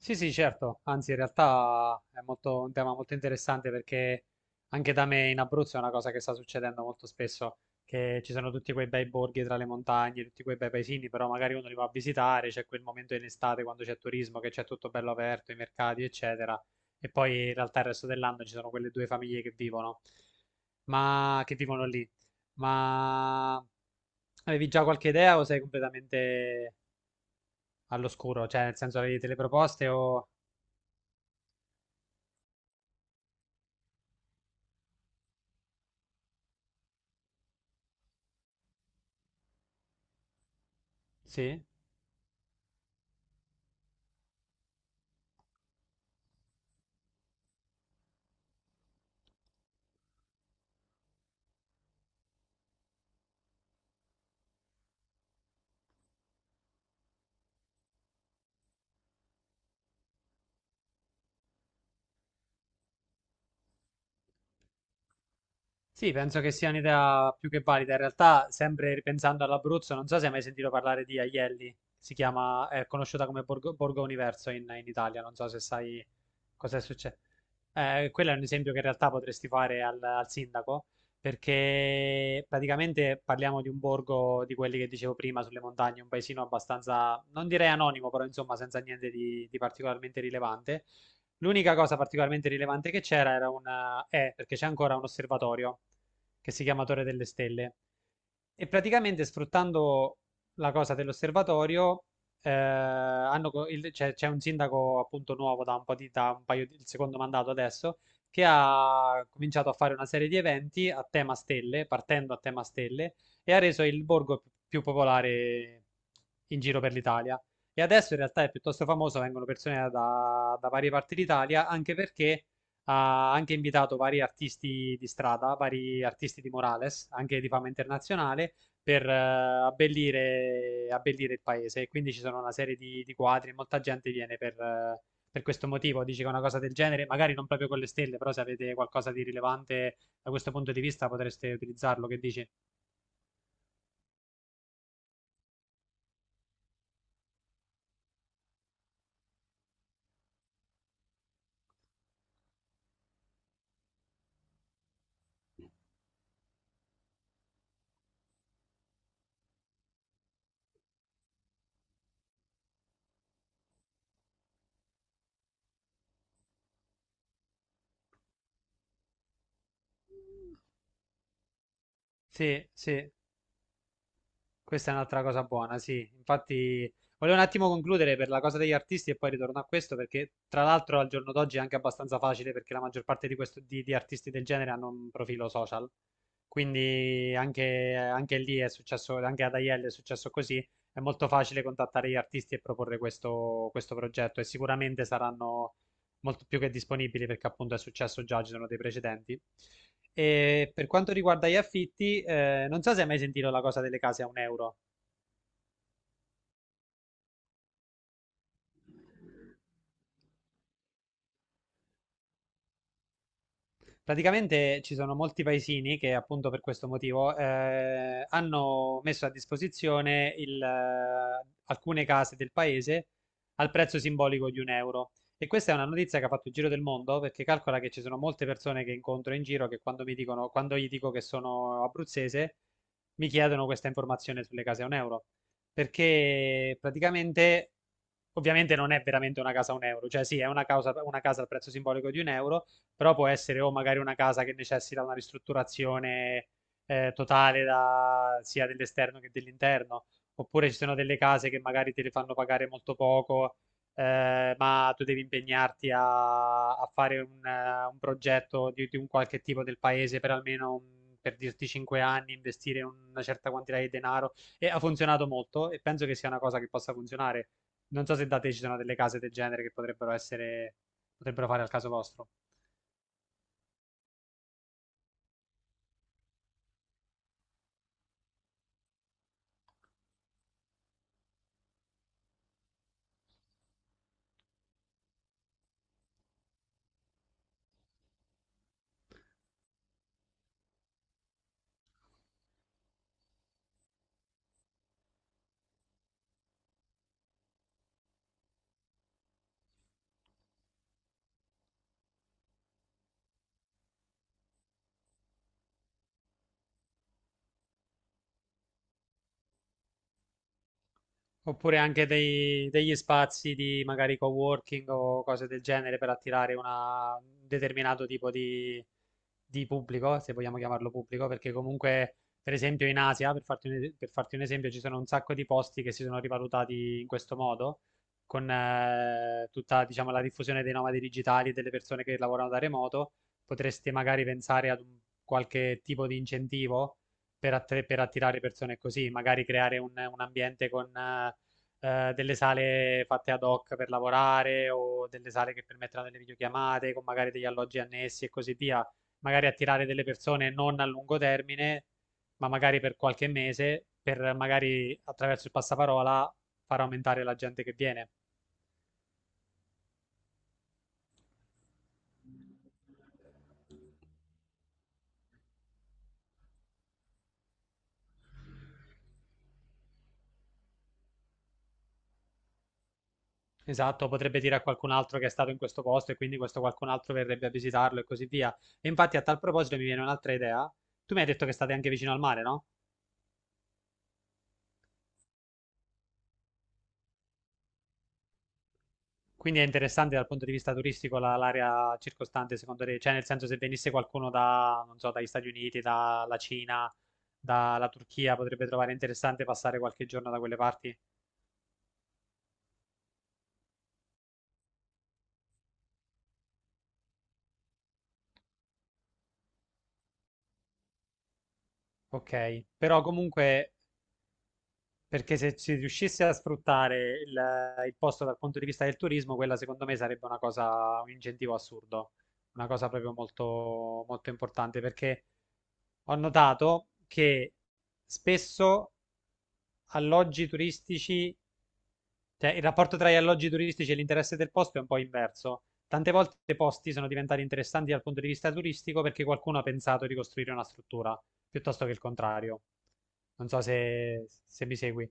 Sì, sì, certo, anzi in realtà è molto, un tema molto interessante perché anche da me in Abruzzo è una cosa che sta succedendo molto spesso, che ci sono tutti quei bei borghi tra le montagne, tutti quei bei paesini, però magari uno li va a visitare, c'è quel momento in estate quando c'è turismo, che c'è tutto bello aperto, i mercati, eccetera, e poi in realtà il resto dell'anno ci sono quelle due famiglie che vivono, ma che vivono lì. Ma avevi già qualche idea o sei completamente all'oscuro? Cioè, nel senso avevi delle proposte o Sì, sì, penso che sia un'idea più che valida. In realtà, sempre ripensando all'Abruzzo, non so se hai mai sentito parlare di Aielli, si chiama, è conosciuta come Borgo, Borgo Universo in Italia, non so se sai cosa è successo. Quello è un esempio che in realtà potresti fare al sindaco, perché praticamente parliamo di un borgo di quelli che dicevo prima sulle montagne, un paesino abbastanza, non direi anonimo, però insomma senza niente di particolarmente rilevante. L'unica cosa particolarmente rilevante che c'era era è perché c'è ancora un osservatorio che si chiama Torre delle Stelle e praticamente sfruttando la cosa dell'osservatorio, hanno c'è un sindaco appunto nuovo da un po' di, da un paio di, il secondo mandato adesso, che ha cominciato a fare una serie di eventi a tema stelle, partendo a tema stelle, e ha reso il borgo più popolare in giro per l'Italia. E adesso in realtà è piuttosto famoso, vengono persone da, da varie parti d'Italia, anche perché ha anche invitato vari artisti di strada, vari artisti di Morales, anche di fama internazionale, per abbellire, abbellire il paese. E quindi ci sono una serie di quadri e molta gente viene per questo motivo. Dice che una cosa del genere, magari non proprio con le stelle, però se avete qualcosa di rilevante da questo punto di vista potreste utilizzarlo. Che dici? Sì, sì. Questa è un'altra cosa buona, sì. Infatti, volevo un attimo concludere per la cosa degli artisti e poi ritorno a questo, perché tra l'altro al giorno d'oggi è anche abbastanza facile perché la maggior parte di, di artisti del genere hanno un profilo social. Quindi anche, anche lì è successo, anche ad Aiello è successo così. È molto facile contattare gli artisti e proporre questo, questo progetto e sicuramente saranno molto più che disponibili perché appunto è successo già, ci sono dei precedenti. E per quanto riguarda gli affitti, non so se hai mai sentito la cosa delle case a un euro. Praticamente ci sono molti paesini che appunto per questo motivo hanno messo a disposizione il, alcune case del paese al prezzo simbolico di un euro. E questa è una notizia che ha fatto il giro del mondo perché calcola che ci sono molte persone che incontro in giro che quando mi dicono, quando gli dico che sono abruzzese, mi chiedono questa informazione sulle case a un euro. Perché praticamente, ovviamente non è veramente una casa a un euro, cioè sì, è una casa al prezzo simbolico di un euro però può essere o magari una casa che necessita una ristrutturazione totale sia dell'esterno che dell'interno, oppure ci sono delle case che magari te le fanno pagare molto poco, ma tu devi impegnarti a, a fare un progetto di un qualche tipo del paese per almeno per dirti 5 anni, investire una certa quantità di denaro e ha funzionato molto e penso che sia una cosa che possa funzionare. Non so se da te ci sono delle case del genere che potrebbero essere, potrebbero fare al caso vostro. Oppure anche degli spazi di magari coworking o cose del genere per attirare un determinato tipo di pubblico, se vogliamo chiamarlo pubblico, perché comunque, per esempio, in Asia, per farti un esempio, ci sono un sacco di posti che si sono rivalutati in questo modo, con tutta, diciamo, la diffusione dei nomadi digitali, delle persone che lavorano da remoto, potreste magari pensare ad un qualche tipo di incentivo per, per attirare persone così, magari creare un ambiente con delle sale fatte ad hoc per lavorare o delle sale che permetteranno delle videochiamate con magari degli alloggi annessi e così via, magari attirare delle persone non a lungo termine, ma magari per qualche mese, per magari attraverso il passaparola far aumentare la gente che viene. Esatto, potrebbe dire a qualcun altro che è stato in questo posto e quindi questo qualcun altro verrebbe a visitarlo e così via. E infatti a tal proposito mi viene un'altra idea. Tu mi hai detto che state anche vicino al mare, no? Quindi è interessante dal punto di vista turistico l'area circostante, secondo te? Cioè, nel senso, se venisse qualcuno da, non so, dagli Stati Uniti, dalla Cina, dalla Turchia, potrebbe trovare interessante passare qualche giorno da quelle parti? Ok, però comunque, perché se si riuscisse a sfruttare il posto dal punto di vista del turismo, quella secondo me sarebbe una cosa, un incentivo assurdo, una cosa proprio molto, molto importante, perché ho notato che spesso alloggi turistici. Cioè, il rapporto tra gli alloggi turistici e l'interesse del posto è un po' inverso. Tante volte i posti sono diventati interessanti dal punto di vista turistico perché qualcuno ha pensato di costruire una struttura, piuttosto che il contrario. Non so se, se mi segui.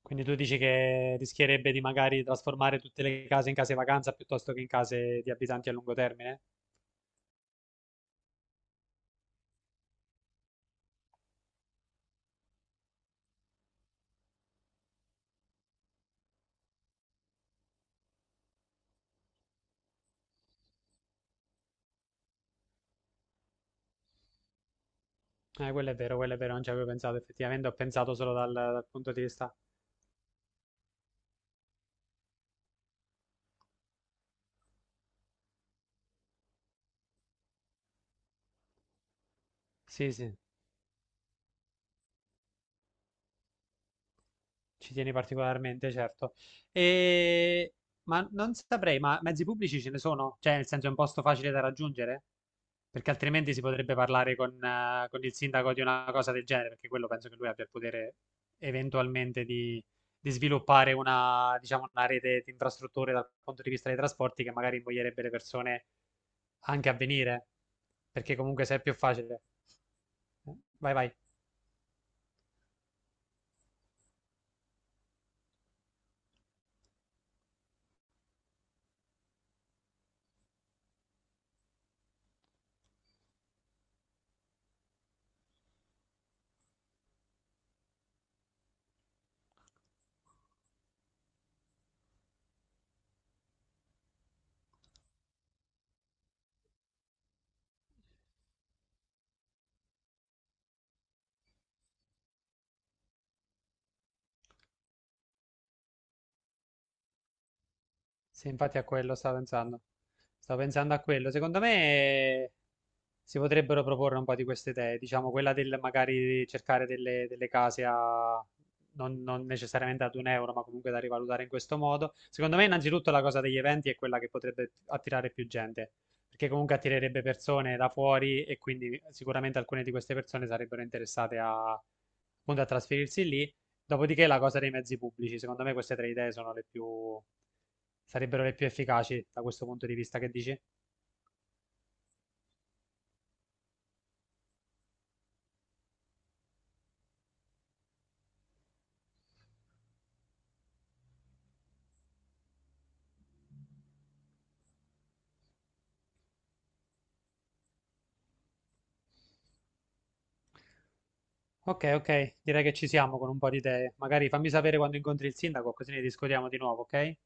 Quindi tu dici che rischierebbe di magari trasformare tutte le case in case vacanza piuttosto che in case di abitanti a lungo termine? Quello è vero, non ci avevo pensato effettivamente, ho pensato solo dal, dal punto di vista. Sì, sì. Ci tieni particolarmente, certo. E... Ma non saprei, ma mezzi pubblici ce ne sono? Cioè, nel senso è un posto facile da raggiungere? Perché altrimenti si potrebbe parlare con il sindaco di una cosa del genere, perché quello penso che lui abbia il potere eventualmente di sviluppare una, diciamo, una rete di infrastrutture dal punto di vista dei trasporti che magari invoglierebbe le persone anche a venire, perché comunque se è più facile. Vai, vai. Sì, infatti a quello stavo pensando. Stavo pensando a quello. Secondo me si potrebbero proporre un po' di queste idee, diciamo quella del magari cercare delle, delle case a non, non necessariamente ad un euro, ma comunque da rivalutare in questo modo. Secondo me, innanzitutto, la cosa degli eventi è quella che potrebbe attirare più gente, perché comunque attirerebbe persone da fuori e quindi sicuramente alcune di queste persone sarebbero interessate a, appunto, a trasferirsi lì. Dopodiché la cosa dei mezzi pubblici, secondo me queste tre idee sono le più, sarebbero le più efficaci da questo punto di vista, che dici? Ok, ok, direi che ci siamo con un po' di idee. Magari fammi sapere quando incontri il sindaco, così ne discutiamo di nuovo, ok?